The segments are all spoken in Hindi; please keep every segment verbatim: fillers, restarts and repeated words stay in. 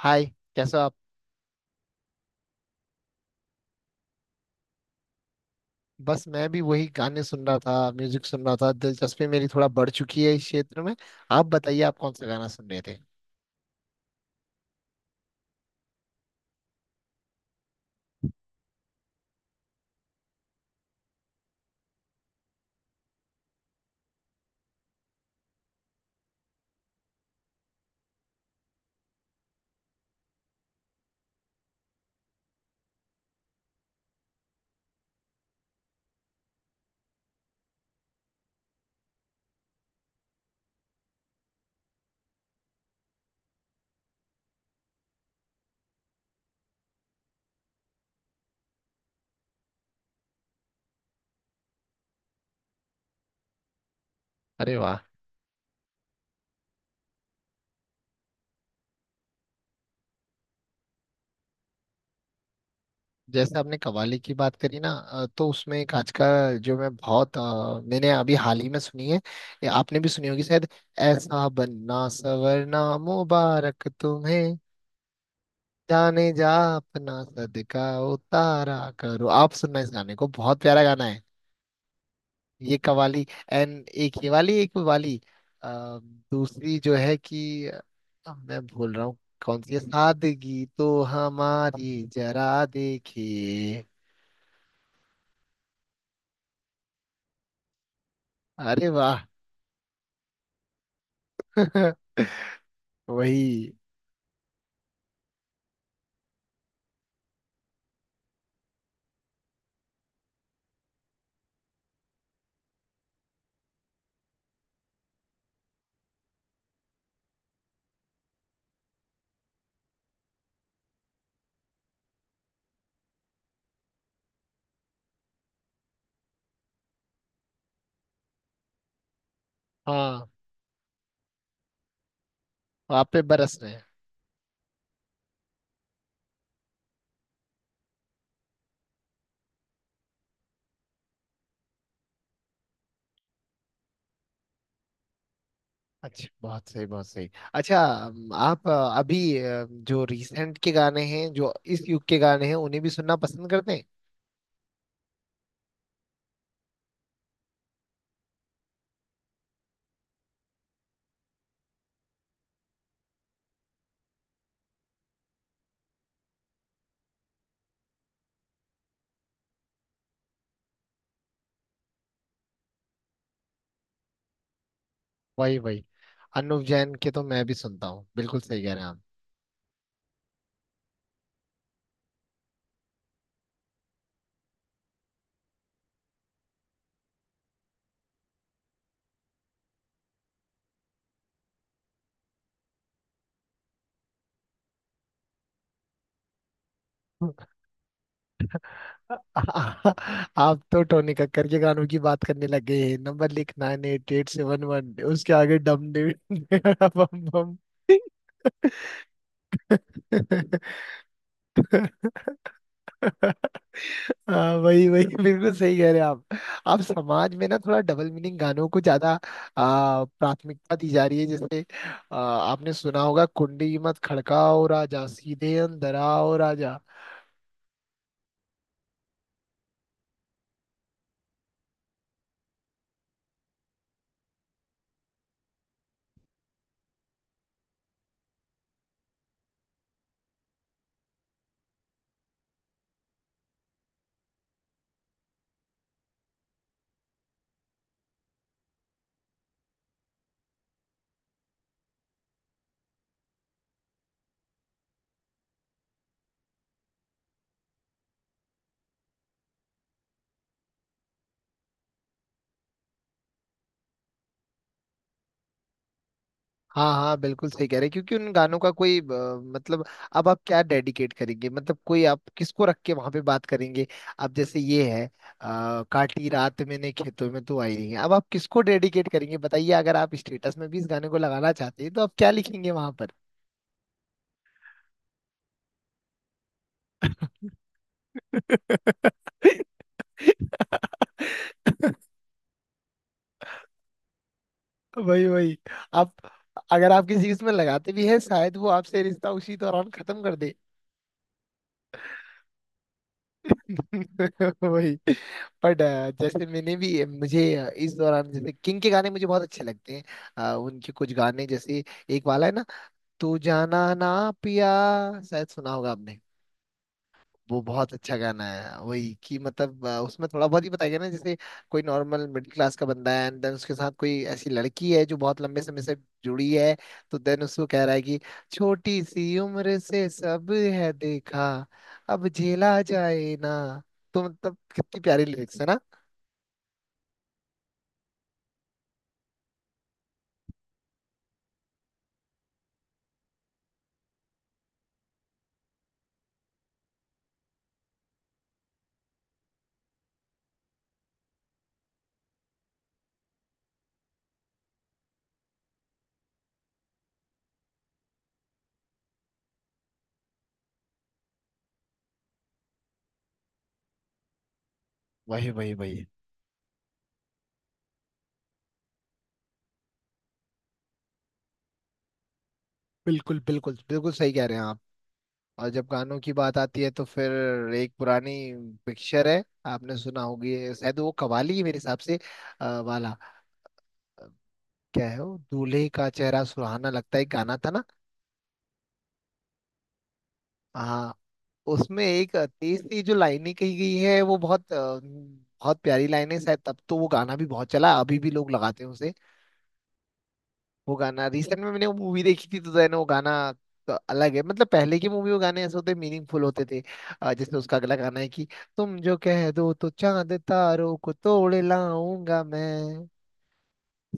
हाय, कैसे हो आप। बस मैं भी वही गाने सुन रहा था, म्यूजिक सुन रहा था। दिलचस्पी मेरी थोड़ा बढ़ चुकी है इस क्षेत्र में। आप बताइए, आप कौन सा गाना सुन रहे थे। अरे वाह। जैसे आपने कव्वाली की बात करी ना, अ, तो उसमें एक आज का जो मैं बहुत अ, मैंने अभी हाल ही में सुनी है, ये आपने भी सुनी होगी शायद। ऐसा बनना सवरना मुबारक तुम्हें, जाने जा, अपना सदका उतारा करो। आप सुनना इस गाने को, बहुत प्यारा गाना है। ये कवाली एंड एक ये वाली, एक वो वाली। अ, दूसरी जो है कि अ, मैं भूल रहा हूँ कौन सी है। सादगी तो हमारी जरा देखिए। अरे वाह। वही। हाँ, आप पे बरस रहे हैं। अच्छा, बहुत सही, बहुत सही। अच्छा, अम, आप अ, अभी अ, जो रीसेंट के गाने हैं, जो इस युग के गाने हैं, उन्हें भी सुनना पसंद करते हैं। वही वही। अनुव जैन के तो मैं भी सुनता हूँ, बिल्कुल सही कह रहे हैं आप। आप तो टोनी कक्कर के गानों की बात करने लग गए हैं। नंबर लिख nine eight eight seven one, उसके आगे डम डे बम बम। हाँ, वही वही, बिल्कुल सही कह रहे हैं आप। आप समाज में ना थोड़ा डबल मीनिंग गानों को ज्यादा आ, प्राथमिकता दी जा रही है। जैसे आ, आपने सुना होगा, कुंडी मत खड़काओ राजा सीधे अंदर आओ। हाँ हाँ, बिल्कुल सही कह रहे हैं, क्योंकि उन गानों का कोई अ, मतलब। अब आप क्या डेडिकेट करेंगे, मतलब कोई आप किसको रख के वहां पे बात करेंगे। अब जैसे ये है, आ, काटी रात मैंने खेतों में तो आई नहीं है। अब आप किसको डेडिकेट करेंगे बताइए। अगर आप स्टेटस में भी इस गाने को लगाना चाहते हैं, तो आप क्या लिखेंगे वहां पर। वही वही। आप, अगर आप किसी इसमें लगाते भी हैं, शायद वो आपसे रिश्ता उसी दौरान खत्म कर दे। वही। बट अ, जैसे मैंने भी, मुझे अ, इस दौरान जैसे किंग के गाने मुझे बहुत अच्छे लगते हैं। अ, उनके कुछ गाने जैसे एक वाला है ना, तू जाना ना पिया, शायद सुना होगा आपने। वो बहुत अच्छा गाना है। वही कि मतलब अ, उसमें थोड़ा बहुत ही बताया गया ना। जैसे कोई नॉर्मल मिडिल क्लास का बंदा है, एंड देन उसके साथ कोई ऐसी लड़की है जो बहुत लंबे समय से जुड़ी है। तो देन उसको कह रहा है कि छोटी सी उम्र से सब है देखा, अब झेला जाए ना। तो मतलब कितनी प्यारी लिरिक्स है ना। वही वही वही। बिल्कुल बिल्कुल, बिल्कुल सही कह रहे हैं आप। और जब गानों की बात आती है तो फिर एक पुरानी पिक्चर है, आपने सुना होगी शायद। वो कवाली है मेरे हिसाब से अ, वाला। अ, क्या है वो, दूल्हे का चेहरा सुहाना लगता है, एक गाना था ना। हाँ, उसमें एक तेज सी जो लाइनें कही गई है वो बहुत अ, बहुत प्यारी लाइन है। शायद तब तो वो गाना भी बहुत चला, अभी भी लोग लगाते हैं उसे। वो गाना रिसेंट में मैंने वो मूवी देखी थी, तो देन वो गाना तो अलग है। मतलब पहले की मूवी, वो गाने ऐसे होते, मीनिंगफुल होते थे। अ, जैसे उसका अगला गाना है कि तुम जो कह दो तो चांद तारों को तोड़ लाऊंगा मैं।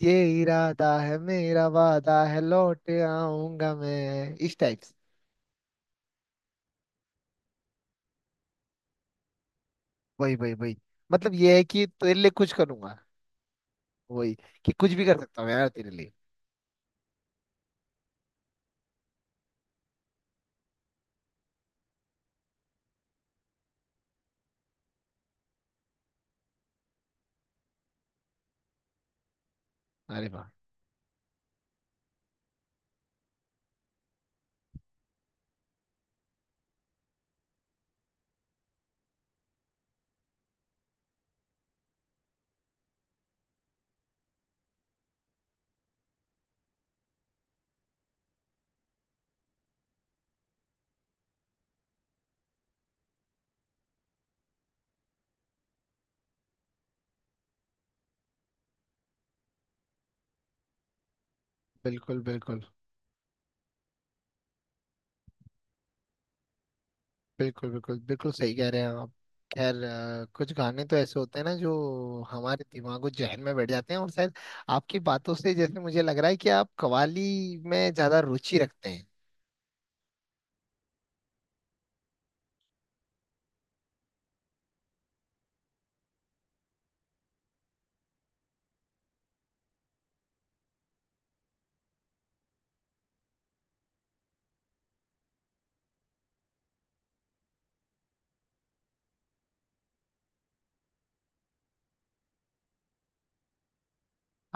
ये इरादा है मेरा, वादा है लौट आऊंगा मैं। इस टाइप से। वही वही वही। मतलब ये है कि तेरे लिए कुछ करूंगा। वही, कि कुछ भी कर सकता हूँ यार तेरे लिए। अरे वाह। बिल्कुल बिल्कुल बिल्कुल, बिल्कुल बिल्कुल सही कह रहे हैं आप। खैर, अ, कुछ गाने तो ऐसे होते हैं ना जो हमारे दिमागो जहन में बैठ जाते हैं। और शायद आपकी बातों से जैसे मुझे लग रहा है कि आप कव्वाली में ज्यादा रुचि रखते हैं।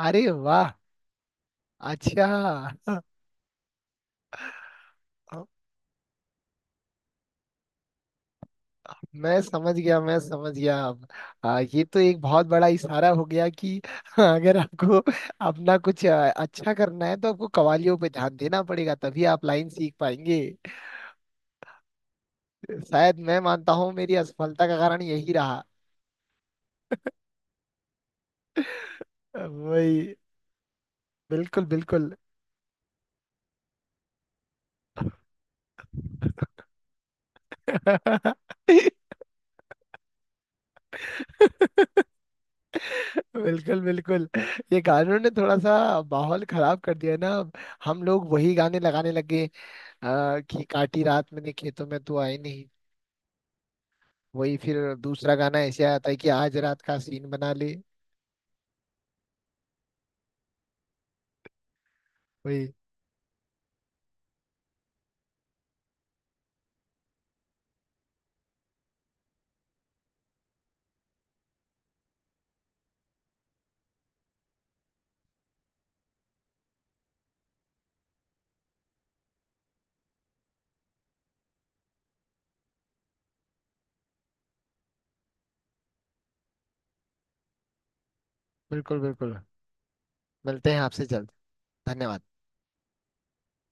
अरे वाह। अच्छा। मैं समझ गया, मैं समझ गया अब। आ, ये तो एक बहुत बड़ा इशारा हो गया कि अगर आपको अपना कुछ आ, अच्छा करना है, तो आपको कवालियों पे ध्यान देना पड़ेगा, तभी आप लाइन सीख पाएंगे। शायद मैं मानता हूँ मेरी असफलता का कारण यही रहा। वही। बिल्कुल बिल्कुल। बिल्कुल बिल्कुल। ये गानों ने थोड़ा सा माहौल खराब कर दिया है ना। अब हम लोग वही गाने लगाने लगे, आ, कि काटी रात मैंने खेतों में तू आई नहीं। वही फिर दूसरा गाना ऐसे आता है कि आज रात का सीन बना ले। वही। बिल्कुल बिल्कुल। मिलते हैं आपसे जल्द। धन्यवाद।